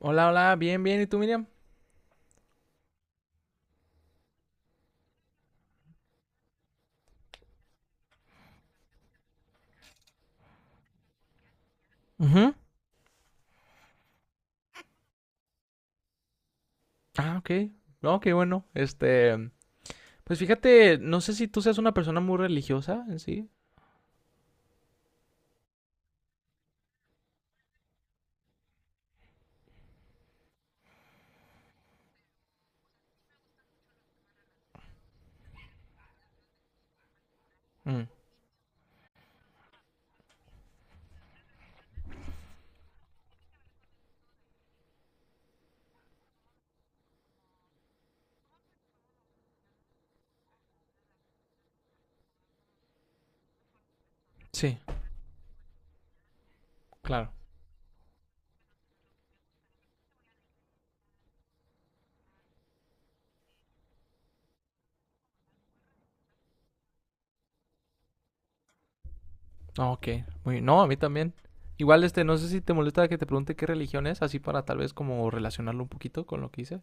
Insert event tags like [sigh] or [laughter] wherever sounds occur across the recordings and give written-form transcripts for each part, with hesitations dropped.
Hola, hola, bien, bien. ¿Y tú, Miriam? Ujú. Ah, ok. No, qué bueno. Pues fíjate, no sé si tú seas una persona muy religiosa en sí. Mm, sí, claro. Ah, ok, muy bien. No, a mí también. Igual, no sé si te molesta que te pregunte qué religión es, así para tal vez como relacionarlo un poquito con lo que hice.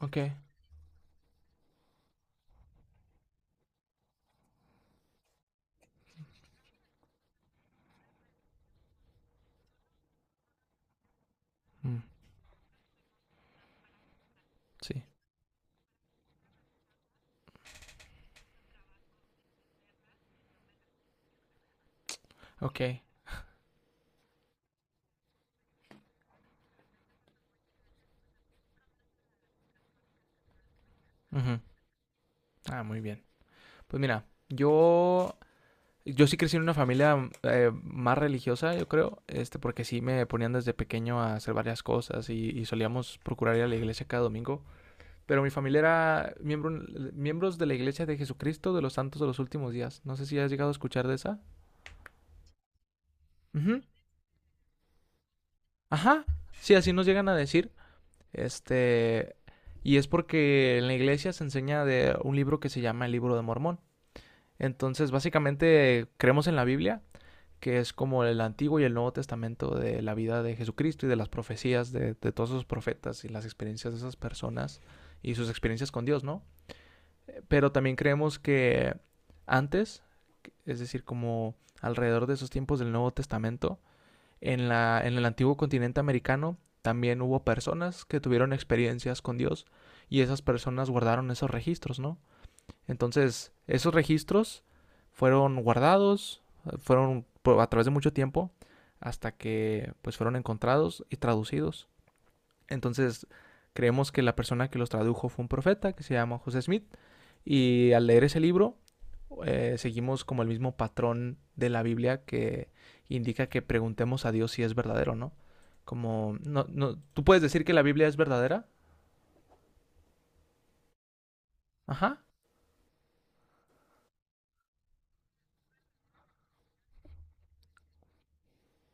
Ok. Mm, sí. Ok. Ujú. Ah, muy bien. Pues mira, yo sí crecí en una familia más religiosa, yo creo, porque sí me ponían desde pequeño a hacer varias cosas y solíamos procurar ir a la iglesia cada domingo. Pero mi familia era miembros de la Iglesia de Jesucristo de los Santos de los Últimos Días. No sé si has llegado a escuchar de esa. Ujú. Ajá. Sí, así nos llegan a decir. Este, y es porque en la iglesia se enseña de un libro que se llama el Libro de Mormón. Entonces, básicamente, creemos en la Biblia, que es como el Antiguo y el Nuevo Testamento de la vida de Jesucristo y de las profecías de todos esos profetas y las experiencias de esas personas y sus experiencias con Dios, ¿no? Pero también creemos que antes, es decir, como alrededor de esos tiempos del Nuevo Testamento, en el antiguo continente americano también hubo personas que tuvieron experiencias con Dios y esas personas guardaron esos registros, ¿no? Entonces, esos registros fueron guardados, fueron a través de mucho tiempo, hasta que pues fueron encontrados y traducidos. Entonces, creemos que la persona que los tradujo fue un profeta que se llama José Smith. Y al leer ese libro, seguimos como el mismo patrón de la Biblia que indica que preguntemos a Dios si es verdadero o no. Como, no, no, tú puedes decir que la Biblia es verdadera. Ajá.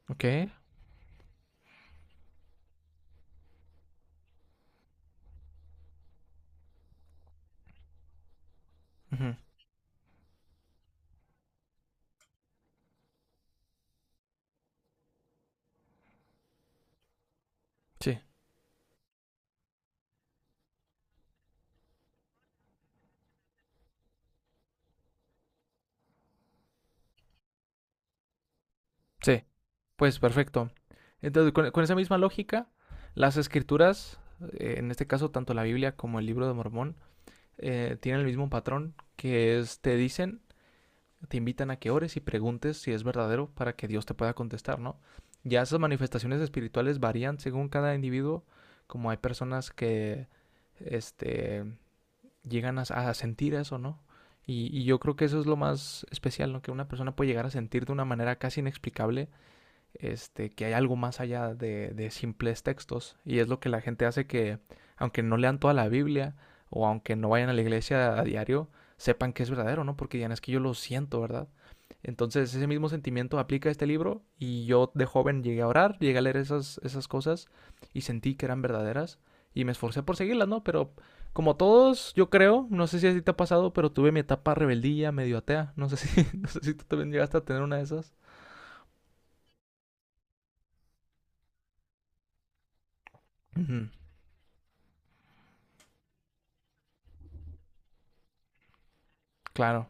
Ok. Ujú. Sí. Sí. Pues perfecto. Entonces, con esa misma lógica, las escrituras, en este caso tanto la Biblia como el Libro de Mormón, tienen el mismo patrón que es te dicen, te invitan a que ores y preguntes si es verdadero para que Dios te pueda contestar, ¿no? Ya esas manifestaciones espirituales varían según cada individuo, como hay personas que este, llegan a sentir eso, ¿no? Y yo creo que eso es lo más especial, ¿no? Que una persona puede llegar a sentir de una manera casi inexplicable que hay algo más allá de simples textos. Y es lo que la gente hace que, aunque no lean toda la Biblia o aunque no vayan a la iglesia a diario, sepan que es verdadero, ¿no? Porque digan, es que yo lo siento, ¿verdad? Entonces ese mismo sentimiento aplica a este libro y yo de joven llegué a orar, llegué a leer esas cosas y sentí que eran verdaderas y me esforcé por seguirlas, ¿no? Pero como todos, yo creo, no sé si a ti te ha pasado, pero tuve mi etapa rebeldía, medio atea, no sé si, [laughs] no sé si tú también llegaste a tener una de esas. Uh -huh. Claro,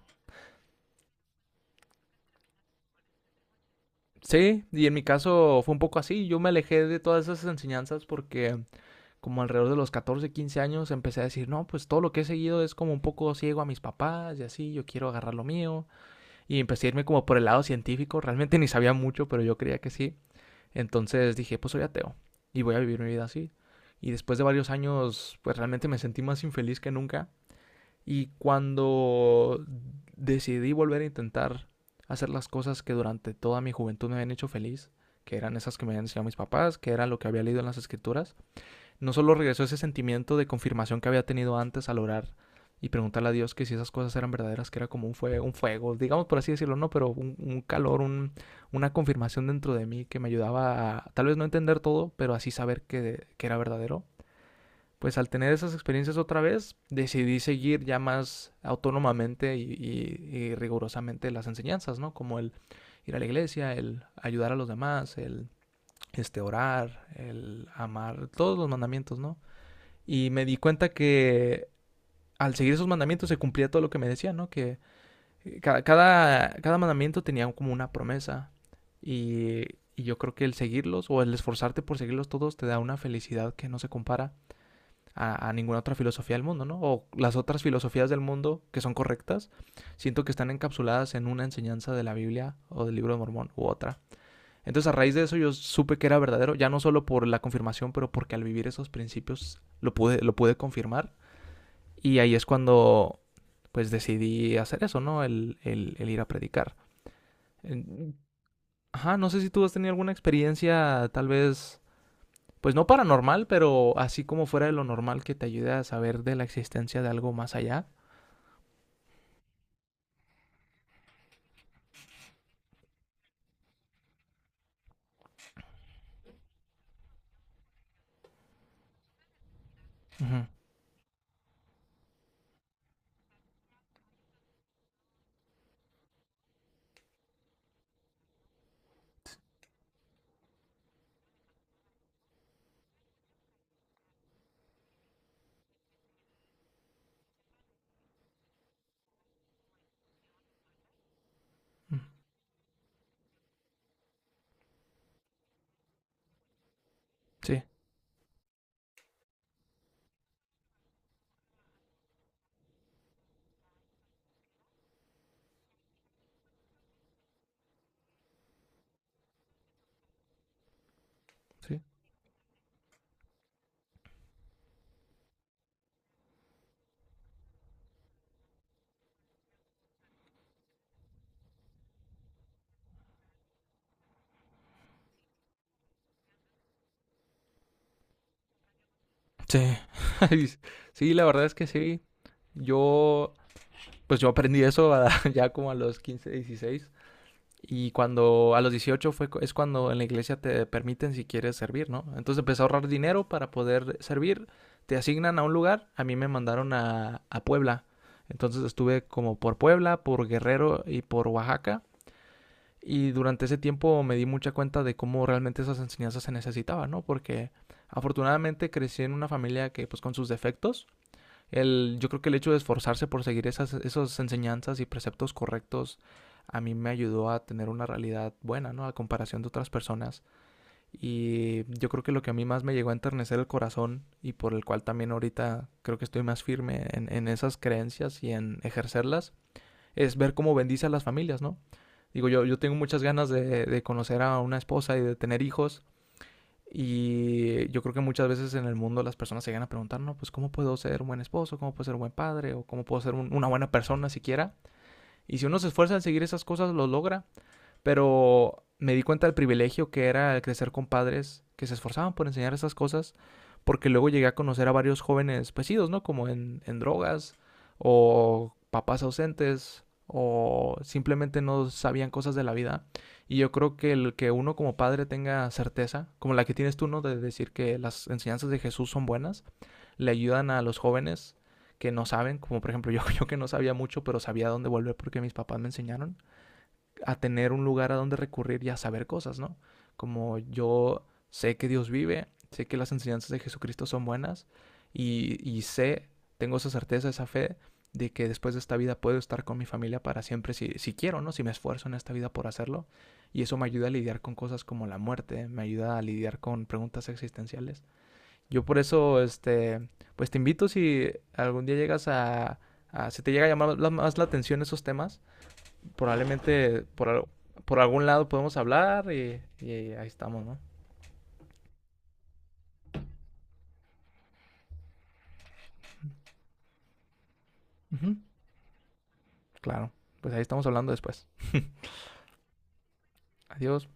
sí, y en mi caso fue un poco así. Yo me alejé de todas esas enseñanzas porque como alrededor de los 14, 15 años empecé a decir, no, pues todo lo que he seguido es como un poco ciego a mis papás y así, yo quiero agarrar lo mío. Y empecé a irme como por el lado científico. Realmente [laughs] ni sabía mucho, pero yo creía que sí. Entonces dije, pues soy ateo y voy a vivir mi vida así. Y después de varios años, pues realmente me sentí más infeliz que nunca. Y cuando decidí volver a intentar hacer las cosas que durante toda mi juventud me habían hecho feliz, que eran esas que me habían enseñado mis papás, que era lo que había leído en las escrituras, no solo regresó ese sentimiento de confirmación que había tenido antes al orar y preguntarle a Dios que si esas cosas eran verdaderas, que era como un fuego digamos por así decirlo, no, pero un calor, una confirmación dentro de mí que me ayudaba a tal vez no entender todo, pero así saber que era verdadero pues al tener esas experiencias otra vez, decidí seguir ya más autónomamente y rigurosamente las enseñanzas, ¿no? Como el ir a la iglesia, el ayudar a los demás, el orar, el amar, todos los mandamientos, ¿no? Y me di cuenta que al seguir esos mandamientos se cumplía todo lo que me decían, ¿no? Que cada mandamiento tenía como una promesa y, yo creo que el seguirlos o el esforzarte por seguirlos todos te da una felicidad que no se compara a ninguna otra filosofía del mundo, ¿no? O las otras filosofías del mundo que son correctas, siento que están encapsuladas en una enseñanza de la Biblia o del Libro de Mormón u otra. Entonces a raíz de eso yo supe que era verdadero, ya no solo por la confirmación, pero porque al vivir esos principios lo pude confirmar. Y ahí es cuando pues decidí hacer eso, ¿no? El ir a predicar. Ajá, no sé si tú has tenido alguna experiencia tal vez pues no paranormal, pero así como fuera de lo normal que te ayude a saber de la existencia de algo más allá. Ujú. Sí, sí. Sí. [laughs] Sí, la verdad es que sí. Yo, pues yo aprendí eso a- [laughs] ya como a los 15, 16. Y cuando a los 18 fue, es cuando en la iglesia te permiten si quieres servir, ¿no? Entonces empecé a ahorrar dinero para poder servir. Te asignan a un lugar. A mí me mandaron a Puebla. Entonces estuve como por Puebla, por Guerrero y por Oaxaca. Y durante ese tiempo me di mucha cuenta de cómo realmente esas enseñanzas se necesitaban, ¿no? Porque afortunadamente crecí en una familia que, pues, con sus defectos, el, yo creo que el hecho de esforzarse por seguir esas enseñanzas y preceptos correctos a mí me ayudó a tener una realidad buena, ¿no? A comparación de otras personas. Y yo creo que lo que a mí más me llegó a enternecer el corazón y por el cual también ahorita creo que estoy más firme en esas creencias y en ejercerlas, es ver cómo bendice a las familias, ¿no? Digo, yo tengo muchas ganas de conocer a una esposa y de tener hijos. Y yo creo que muchas veces en el mundo las personas se llegan a preguntar, no, pues cómo puedo ser un buen esposo, cómo puedo ser un buen padre, o cómo puedo ser una buena persona siquiera. Y si uno se esfuerza en seguir esas cosas, lo logra. Pero me di cuenta del privilegio que era el crecer con padres que se esforzaban por enseñar esas cosas, porque luego llegué a conocer a varios jóvenes pesidos, ¿no? Como en drogas, o papás ausentes, o simplemente no sabían cosas de la vida. Y yo creo que el que uno como padre tenga certeza, como la que tienes tú, ¿no? De decir que las enseñanzas de Jesús son buenas, le ayudan a los jóvenes que no saben, como por ejemplo [laughs] yo que no sabía mucho, pero sabía dónde volver porque mis papás me enseñaron a tener un lugar a donde recurrir y a saber cosas, ¿no? Como yo sé que Dios vive, sé que las enseñanzas de Jesucristo son buenas y tengo esa certeza, esa fe de que después de esta vida puedo estar con mi familia para siempre si quiero, ¿no? Si me esfuerzo en esta vida por hacerlo. Y eso me ayuda a lidiar con cosas como la muerte, me ayuda a lidiar con preguntas existenciales. Yo por eso, pues te invito si algún día llegas a si te llega a llamar más la atención esos temas, probablemente por algún lado podemos hablar y ahí estamos, ¿no? Ujú. Claro. Pues ahí estamos hablando después. Adiós.